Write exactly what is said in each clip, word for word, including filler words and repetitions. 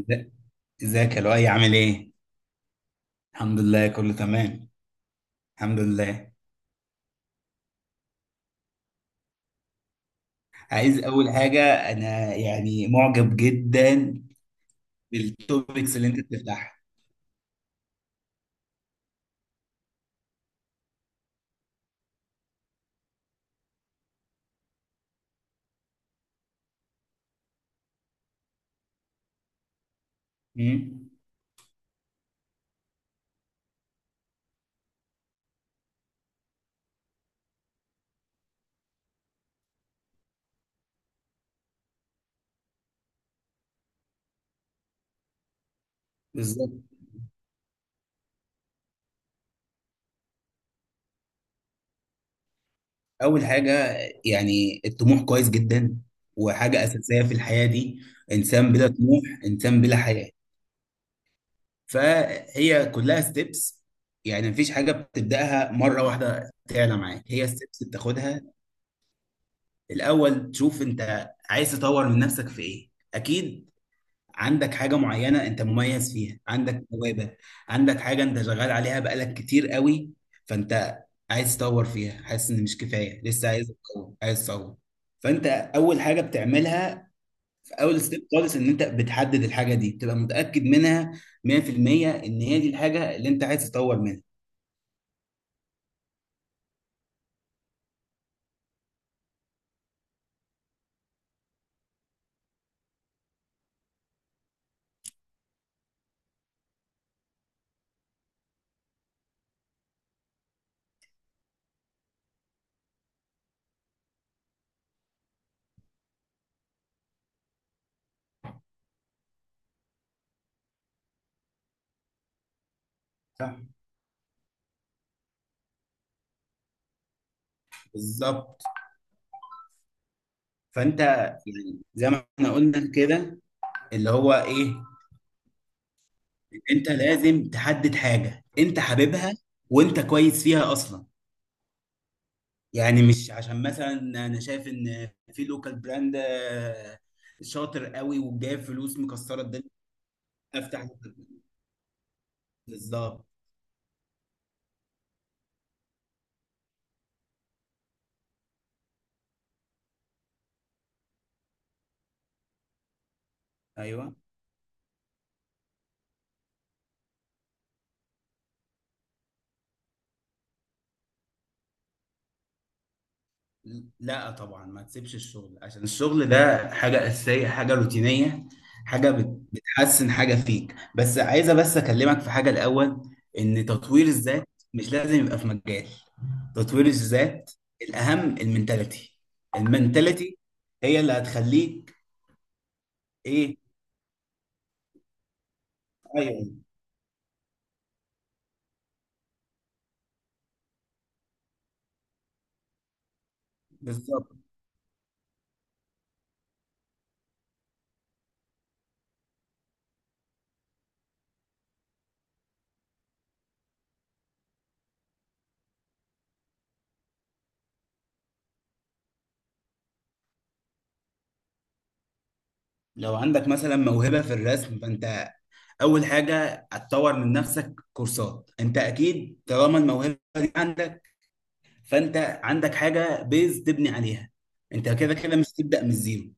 إزا- ازيك يا لؤي؟ عامل ايه؟ الحمد لله، كله تمام. الحمد لله. عايز اول حاجة، انا يعني معجب جدا بالتوبكس اللي انت بتفتحها. أمم، بالظبط. اول حاجة، يعني الطموح كويس جدا، وحاجة اساسية في الحياة دي. انسان بلا طموح انسان بلا حياة. فهي كلها ستيبس، يعني مفيش حاجة بتبدأها مرة واحدة تعلى معاك، هي ستيبس بتاخدها. الاول تشوف انت عايز تطور من نفسك في ايه. اكيد عندك حاجة معينة أنت مميز فيها، عندك موهبة، عندك حاجة أنت شغال عليها بقالك كتير قوي، فأنت عايز تطور فيها، حاسس إن مش كفاية لسه، عايز تطور عايز تطور. فأنت أول حاجة بتعملها في أول ستيب خالص إن أنت بتحدد الحاجة دي، بتبقى متأكد منها مية في المية إن هي دي الحاجة اللي أنت عايز تطور منها. صح، بالظبط. فانت يعني زي ما احنا قلنا كده، اللي هو ايه، انت لازم تحدد حاجه انت حاببها وانت كويس فيها اصلا. يعني مش عشان مثلا انا شايف ان في لوكال براند آه، شاطر قوي وجايب فلوس مكسره الدنيا، افتح. بالظبط. ايوه، لا طبعا ما تسيبش الشغل، عشان الشغل ده حاجه اساسيه، حاجه روتينيه، حاجه بت- بتحسن حاجه فيك، بس عايزه بس اكلمك في حاجه الاول، ان تطوير الذات مش لازم يبقى في مجال. تطوير الذات الاهم المنتاليتي. المنتاليتي هي اللي هتخليك ايه. ايوه، بالظبط. لو عندك مثلا موهبة في الرسم، فأنت أول حاجة هتطور من نفسك كورسات، أنت أكيد طالما الموهبة دي عندك، فأنت عندك حاجة بيز تبني عليها، أنت كده كده مش تبدأ من الزيرو.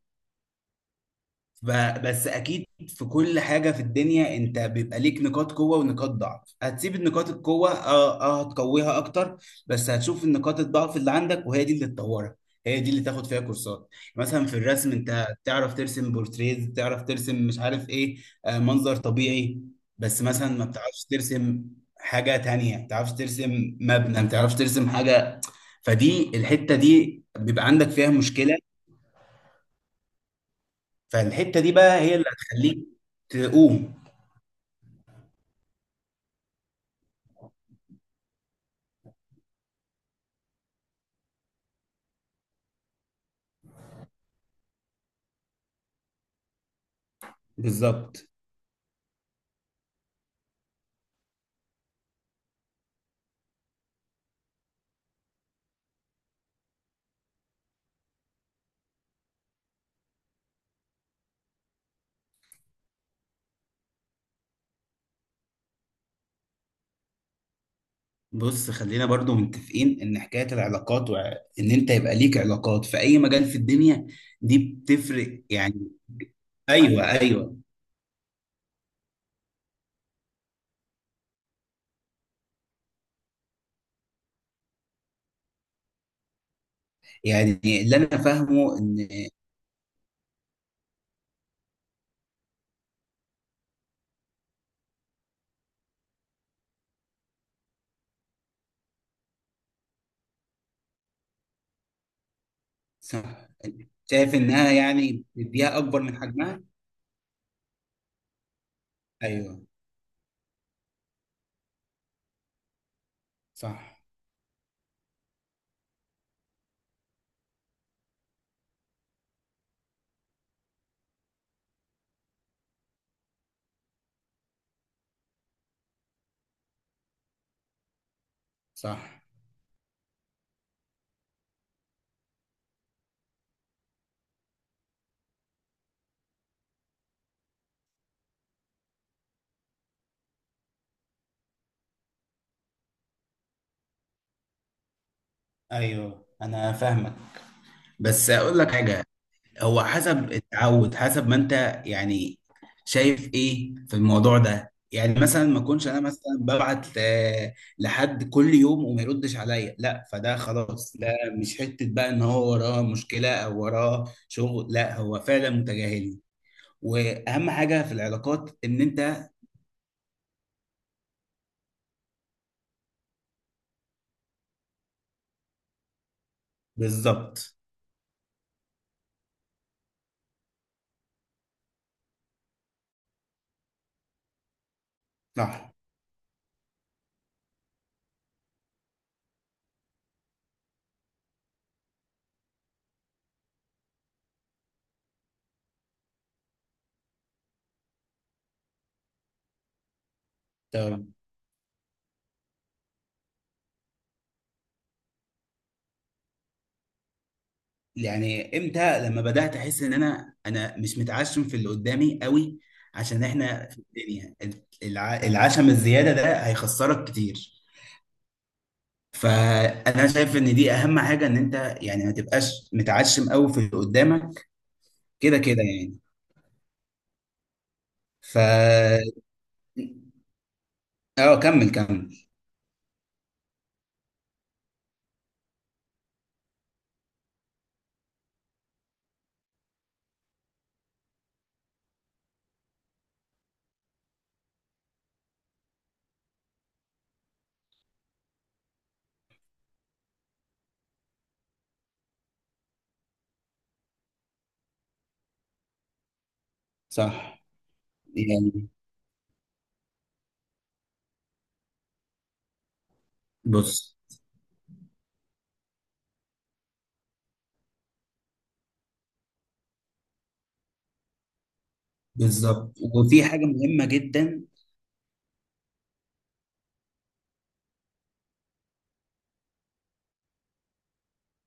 ب- بس اكيد في كل حاجه في الدنيا انت بيبقى ليك نقاط قوه ونقاط ضعف. هتسيب النقاط القوه، اه اه، هتقويها اكتر، بس هتشوف النقاط الضعف اللي عندك وهي دي اللي تطورها، هي دي اللي تاخد فيها كورسات. مثلا في الرسم انت تعرف ترسم بورتريز، تعرف ترسم مش عارف ايه، آه، منظر طبيعي، بس مثلا ما بتعرفش ترسم حاجه تانية، ما بتعرفش ترسم مبنى، ما بتعرفش ترسم حاجه. فدي الحته دي بيبقى عندك فيها مشكله. فالحتة دي بقى هي اللي هتخليك تقوم. بالظبط. بص، خلينا برضو متفقين ان حكاية العلاقات، وان انت يبقى ليك علاقات في اي مجال في الدنيا، دي بتفرق يعني. ايوه ايوه. يعني اللي انا فاهمه ان، صح، شايف انها يعني بتديها اكبر من حجمها. ايوه، صح. صح، ايوه انا فاهمك، بس اقول لك حاجة. هو حسب التعود، حسب ما انت يعني شايف ايه في الموضوع ده. يعني مثلا ما اكونش انا مثلا ببعت آه، لحد كل يوم وما يردش عليا، لا فده خلاص، ده مش حتة بقى ان هو وراه مشكلة او وراه شغل، لا هو فعلا متجاهلني. واهم حاجة في العلاقات ان انت، بالظبط. صح، تمام. يعني امتى؟ لما بدات احس ان انا انا مش متعشم في اللي قدامي قوي، عشان احنا في الدنيا الع- العشم الزياده ده هيخسرك كتير. فانا شايف ان دي اهم حاجه، ان انت يعني ما تبقاش متعشم قوي في اللي قدامك، كده كده يعني. ف اه كمل كمل. صح يعني، بص. بالظبط، وفي حاجه مهمه جدا.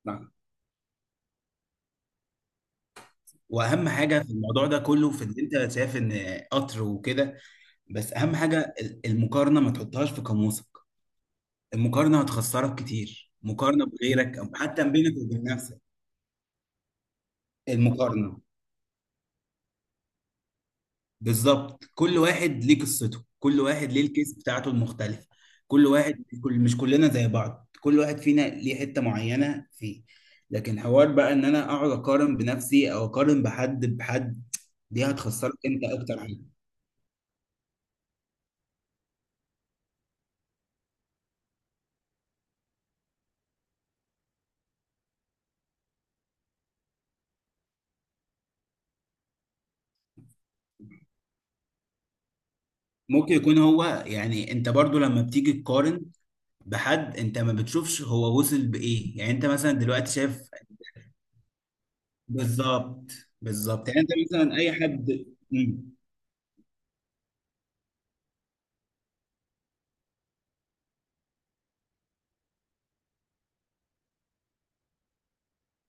نعم. واهم حاجه في الموضوع ده كله في ان انت شايف ان قطر وكده، بس اهم حاجه ال- المقارنه، ما تحطهاش في قاموسك. المقارنه هتخسرك كتير، مقارنه بغيرك او حتى بينك وبين نفسك. المقارنه، بالظبط. كل واحد ليه قصته، كل واحد ليه الكيس بتاعته المختلفه. كل واحد، كل، مش كلنا زي بعض، كل واحد فينا ليه حته معينه فيه. لكن حوار بقى ان انا اقعد اقارن بنفسي او اقارن بحد بحد، دي هتخسرك انت اكتر حاجه. ممكن يكون هو، يعني انت برضو لما بتيجي تقارن بحد، انت ما بتشوفش هو وصل بايه. يعني انت مثلا دلوقتي شايف، بالظبط بالظبط. يعني انت مثلا اي حد، مم.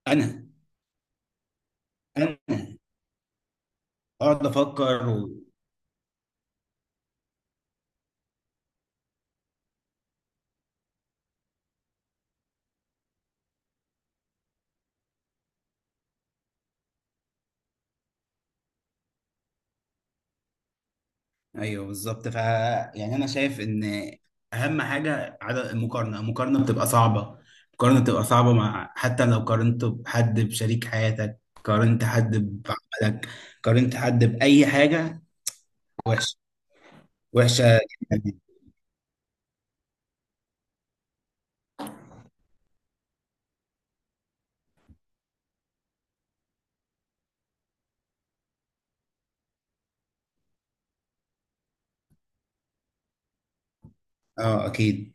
انا انا اقعد افكر و... ايوه بالظبط. ف يعني انا شايف ان اهم حاجه عدد المقارنه. المقارنه بتبقى صعبه، المقارنه بتبقى صعبه، مع حتى لو قارنت بحد، بشريك حياتك، قارنت حد بعملك، قارنت حد باي حاجه. وحشه، وحشه جداً. اه اكيد.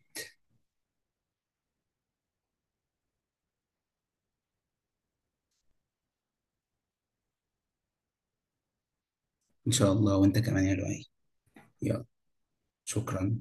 ان شاء الله، وانت كمان يا لؤي. يلا، شكرا.